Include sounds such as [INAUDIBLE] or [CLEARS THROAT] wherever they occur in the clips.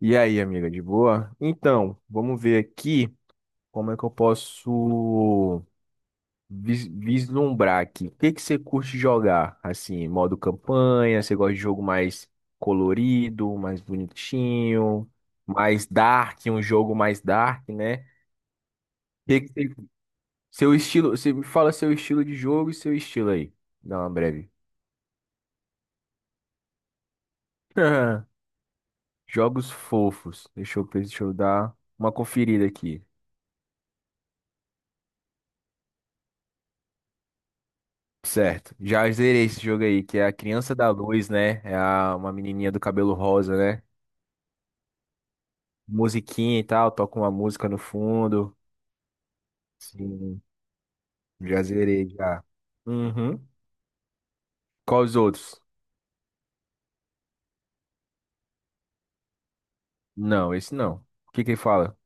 E aí, amiga, de boa? Então, vamos ver aqui como é que eu posso vislumbrar aqui. O que que você curte jogar? Assim, modo campanha, você gosta de jogo mais colorido, mais bonitinho, mais dark, um jogo mais dark, né? O Que que você- Seu estilo, você me fala seu estilo de jogo e seu estilo aí. Dá uma breve. [LAUGHS] Jogos fofos. Deixa eu dar uma conferida aqui. Certo. Já zerei esse jogo aí, que é a Criança da Luz, né? Uma menininha do cabelo rosa, né? Musiquinha e tal, toca uma música no fundo. Sim, já zerei já. Uhum. Qual os outros? Não, esse não. O que que ele fala?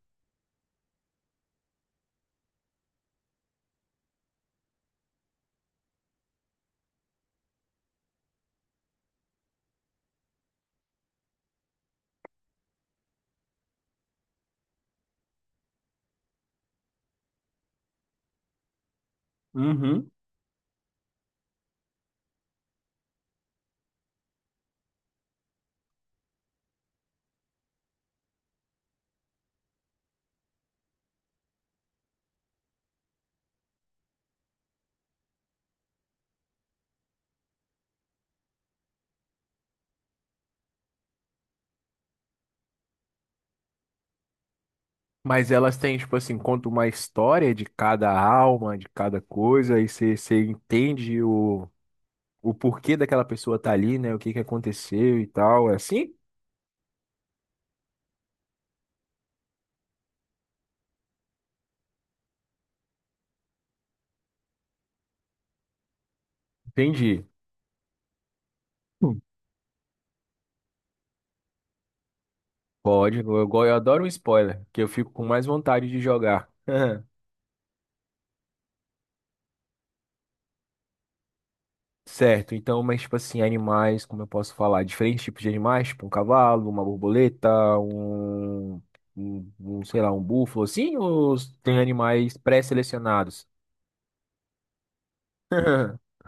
Uhum. Mas elas têm, tipo assim, conta uma história de cada alma, de cada coisa, e você entende o porquê daquela pessoa tá ali, né? O que que aconteceu e tal. É assim? Entendi. Pode, eu, eu adoro um spoiler, que eu fico com mais vontade de jogar. [LAUGHS] Certo, então, mas tipo assim, animais, como eu posso falar? Diferentes tipos de animais, tipo um cavalo, uma borboleta, um, sei lá, um búfalo, assim, ou tem animais pré-selecionados? [LAUGHS]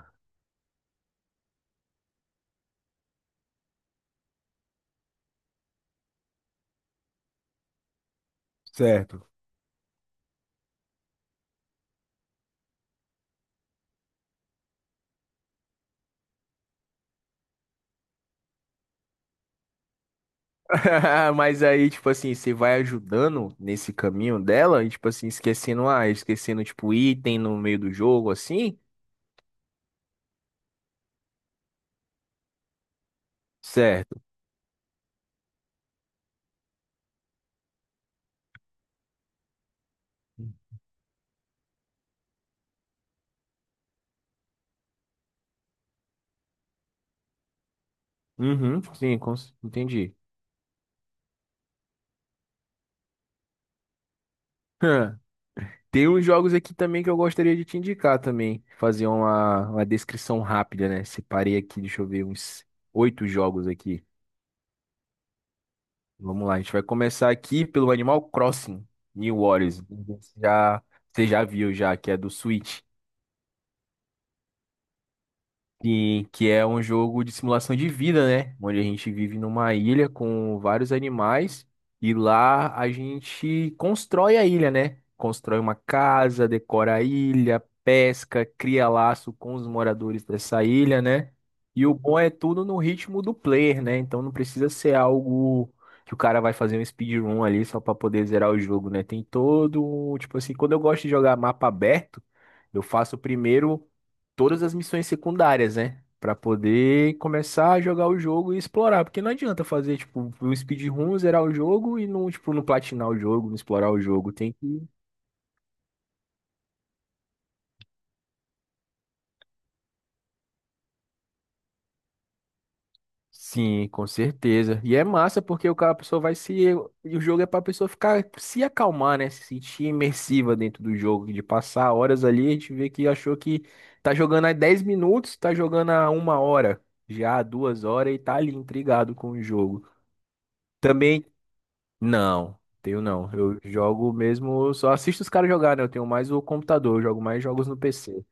Certo. [LAUGHS] Mas aí, tipo assim, você vai ajudando nesse caminho dela e, tipo assim, esquecendo, ah, tipo, item no meio do jogo, assim? Certo. Uhum, sim, entendi. [LAUGHS] Tem uns jogos aqui também que eu gostaria de te indicar também. Fazer uma descrição rápida, né? Separei aqui, deixa eu ver, uns oito jogos aqui. Vamos lá, a gente vai começar aqui pelo Animal Crossing New Orleans. Você já viu já, que é do Switch. Sim, que é um jogo de simulação de vida, né? Onde a gente vive numa ilha com vários animais e lá a gente constrói a ilha, né? Constrói uma casa, decora a ilha, pesca, cria laço com os moradores dessa ilha, né? E o bom é tudo no ritmo do player, né? Então não precisa ser algo que o cara vai fazer um speedrun ali só para poder zerar o jogo, né? Tem todo, tipo assim, quando eu gosto de jogar mapa aberto, eu faço primeiro todas as missões secundárias, né? Pra poder começar a jogar o jogo e explorar. Porque não adianta fazer, tipo, um speedrun, zerar o jogo e não, tipo, não platinar o jogo, não explorar o jogo. Tem que. Sim, com certeza. E é massa porque o cara, a pessoa vai se. E o jogo é pra pessoa ficar, se acalmar, né? Se sentir imersiva dentro do jogo, de passar horas ali, a gente vê que achou que tá jogando há 10 minutos, tá jogando há 1 hora, já há 2 horas e tá ali intrigado com o jogo. Também. Não, tenho não. Eu jogo mesmo, só assisto os caras jogar, né? Eu tenho mais o computador, eu jogo mais jogos no PC.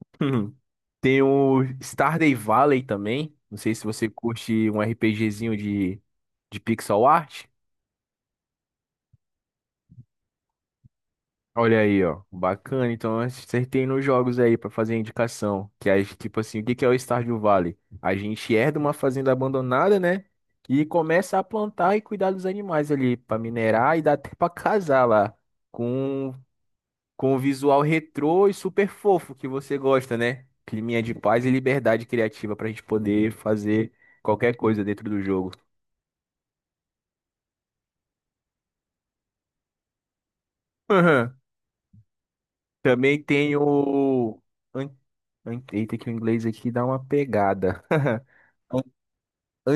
[LAUGHS] Tem o Stardew Valley também. Não sei se você curte um RPGzinho de pixel art. Olha aí, ó. Bacana. Então, acertei nos jogos aí pra fazer a indicação. Que é tipo assim, o que que é o Stardew Valley? A gente herda uma fazenda abandonada, né? E começa a plantar e cuidar dos animais ali pra minerar e dá até pra casar lá. Com com o visual retrô e super fofo que você gosta, né? Climinha de paz e liberdade criativa pra gente poder fazer qualquer coisa dentro do jogo. Aham. Também tem o. an- Eita, que o inglês aqui dá uma pegada. [LAUGHS] An-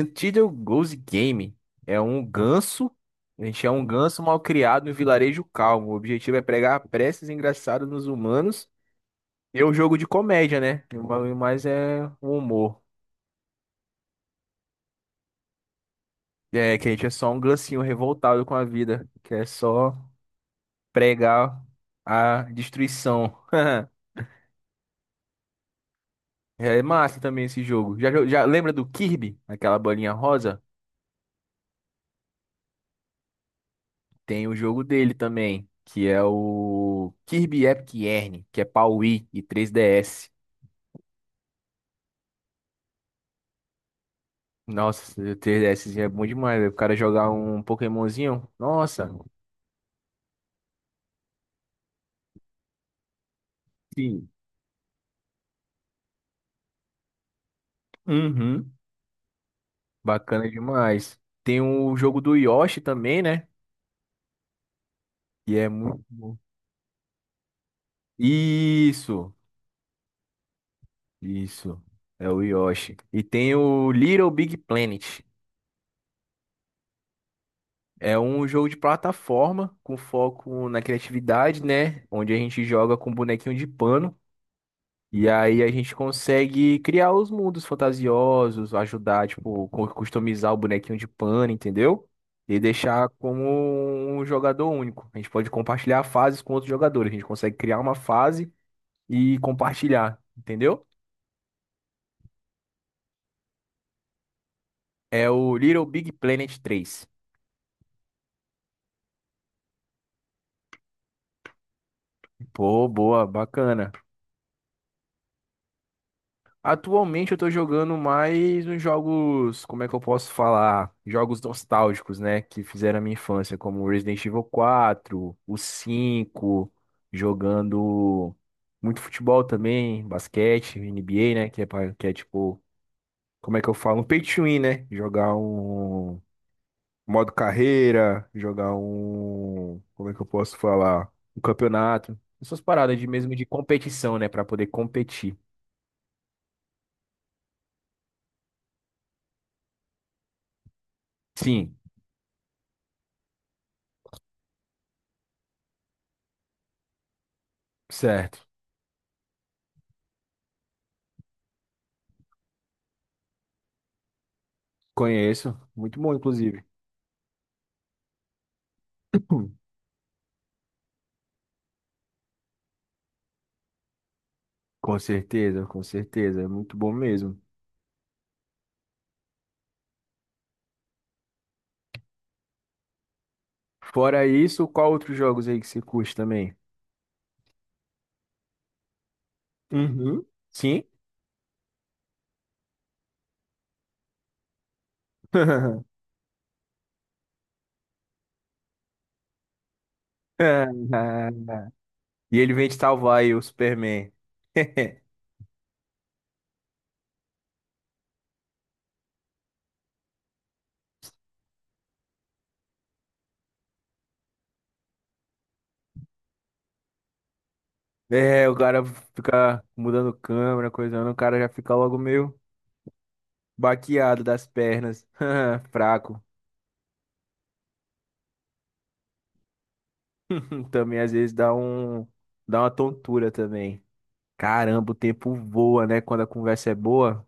Untitled Goose Game é um ganso. A gente é um ganso mal criado em vilarejo calmo. O objetivo é pregar preces engraçadas nos humanos. E é um jogo de comédia, né? Mas é um humor. É, que a gente é só um gancinho revoltado com a vida, que é só pregar a destruição. [LAUGHS] É massa também esse jogo. Já lembra do Kirby, aquela bolinha rosa? Tem o jogo dele também, que é o Kirby Epic Yarn, que é pra Wii e 3DS. Nossa, o 3DSzinho é bom demais, velho. O cara jogar um Pokémonzinho, nossa. Sim. Uhum. Bacana demais. Tem o jogo do Yoshi também, né? E é muito bom. Isso! Isso, é o Yoshi. E tem o Little Big Planet. É um jogo de plataforma com foco na criatividade, né? Onde a gente joga com bonequinho de pano. E aí a gente consegue criar os mundos fantasiosos, ajudar, tipo, customizar o bonequinho de pano, entendeu? E deixar como um jogador único. A gente pode compartilhar fases com outros jogadores. A gente consegue criar uma fase e compartilhar, entendeu? É o Little Big Planet 3. Pô, boa, bacana. Atualmente eu tô jogando mais uns jogos, como é que eu posso falar? Jogos nostálgicos, né? Que fizeram a minha infância, como Resident Evil 4 o 5, jogando muito futebol também, basquete, NBA, né? Que é, que é tipo, como é que eu falo? Um pay to win, né? Jogar um modo carreira, jogar um. Como é que eu posso falar? Um campeonato. Essas paradas de mesmo de competição, né? Pra poder competir. Sim. Certo. Conheço. Muito bom, inclusive. [CLEARS THROAT] Com certeza, com certeza. É muito bom mesmo. Fora isso, qual outros jogos aí que você curte também? Uhum. Sim. [LAUGHS] E ele vem te salvar aí, o Superman. [LAUGHS] É, o cara fica mudando câmera, coisando, o cara já fica logo meio baqueado das pernas, [LAUGHS] fraco. [LAUGHS] Também às vezes dá uma tontura também. Caramba, o tempo voa, né? Quando a conversa é boa.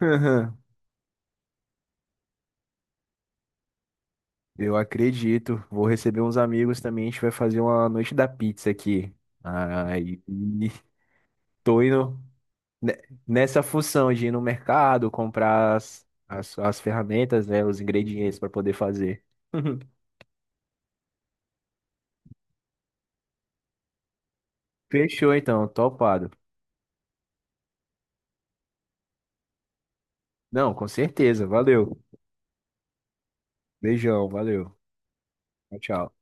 Aham. Eu acredito. Vou receber uns amigos também. A gente vai fazer uma noite da pizza aqui. Aí, tô indo ne- nessa função de ir no mercado, comprar as ferramentas, né, os ingredientes para poder fazer. [LAUGHS] Fechou então, topado. Não, com certeza. Valeu. Beijão, valeu. Tchau, tchau.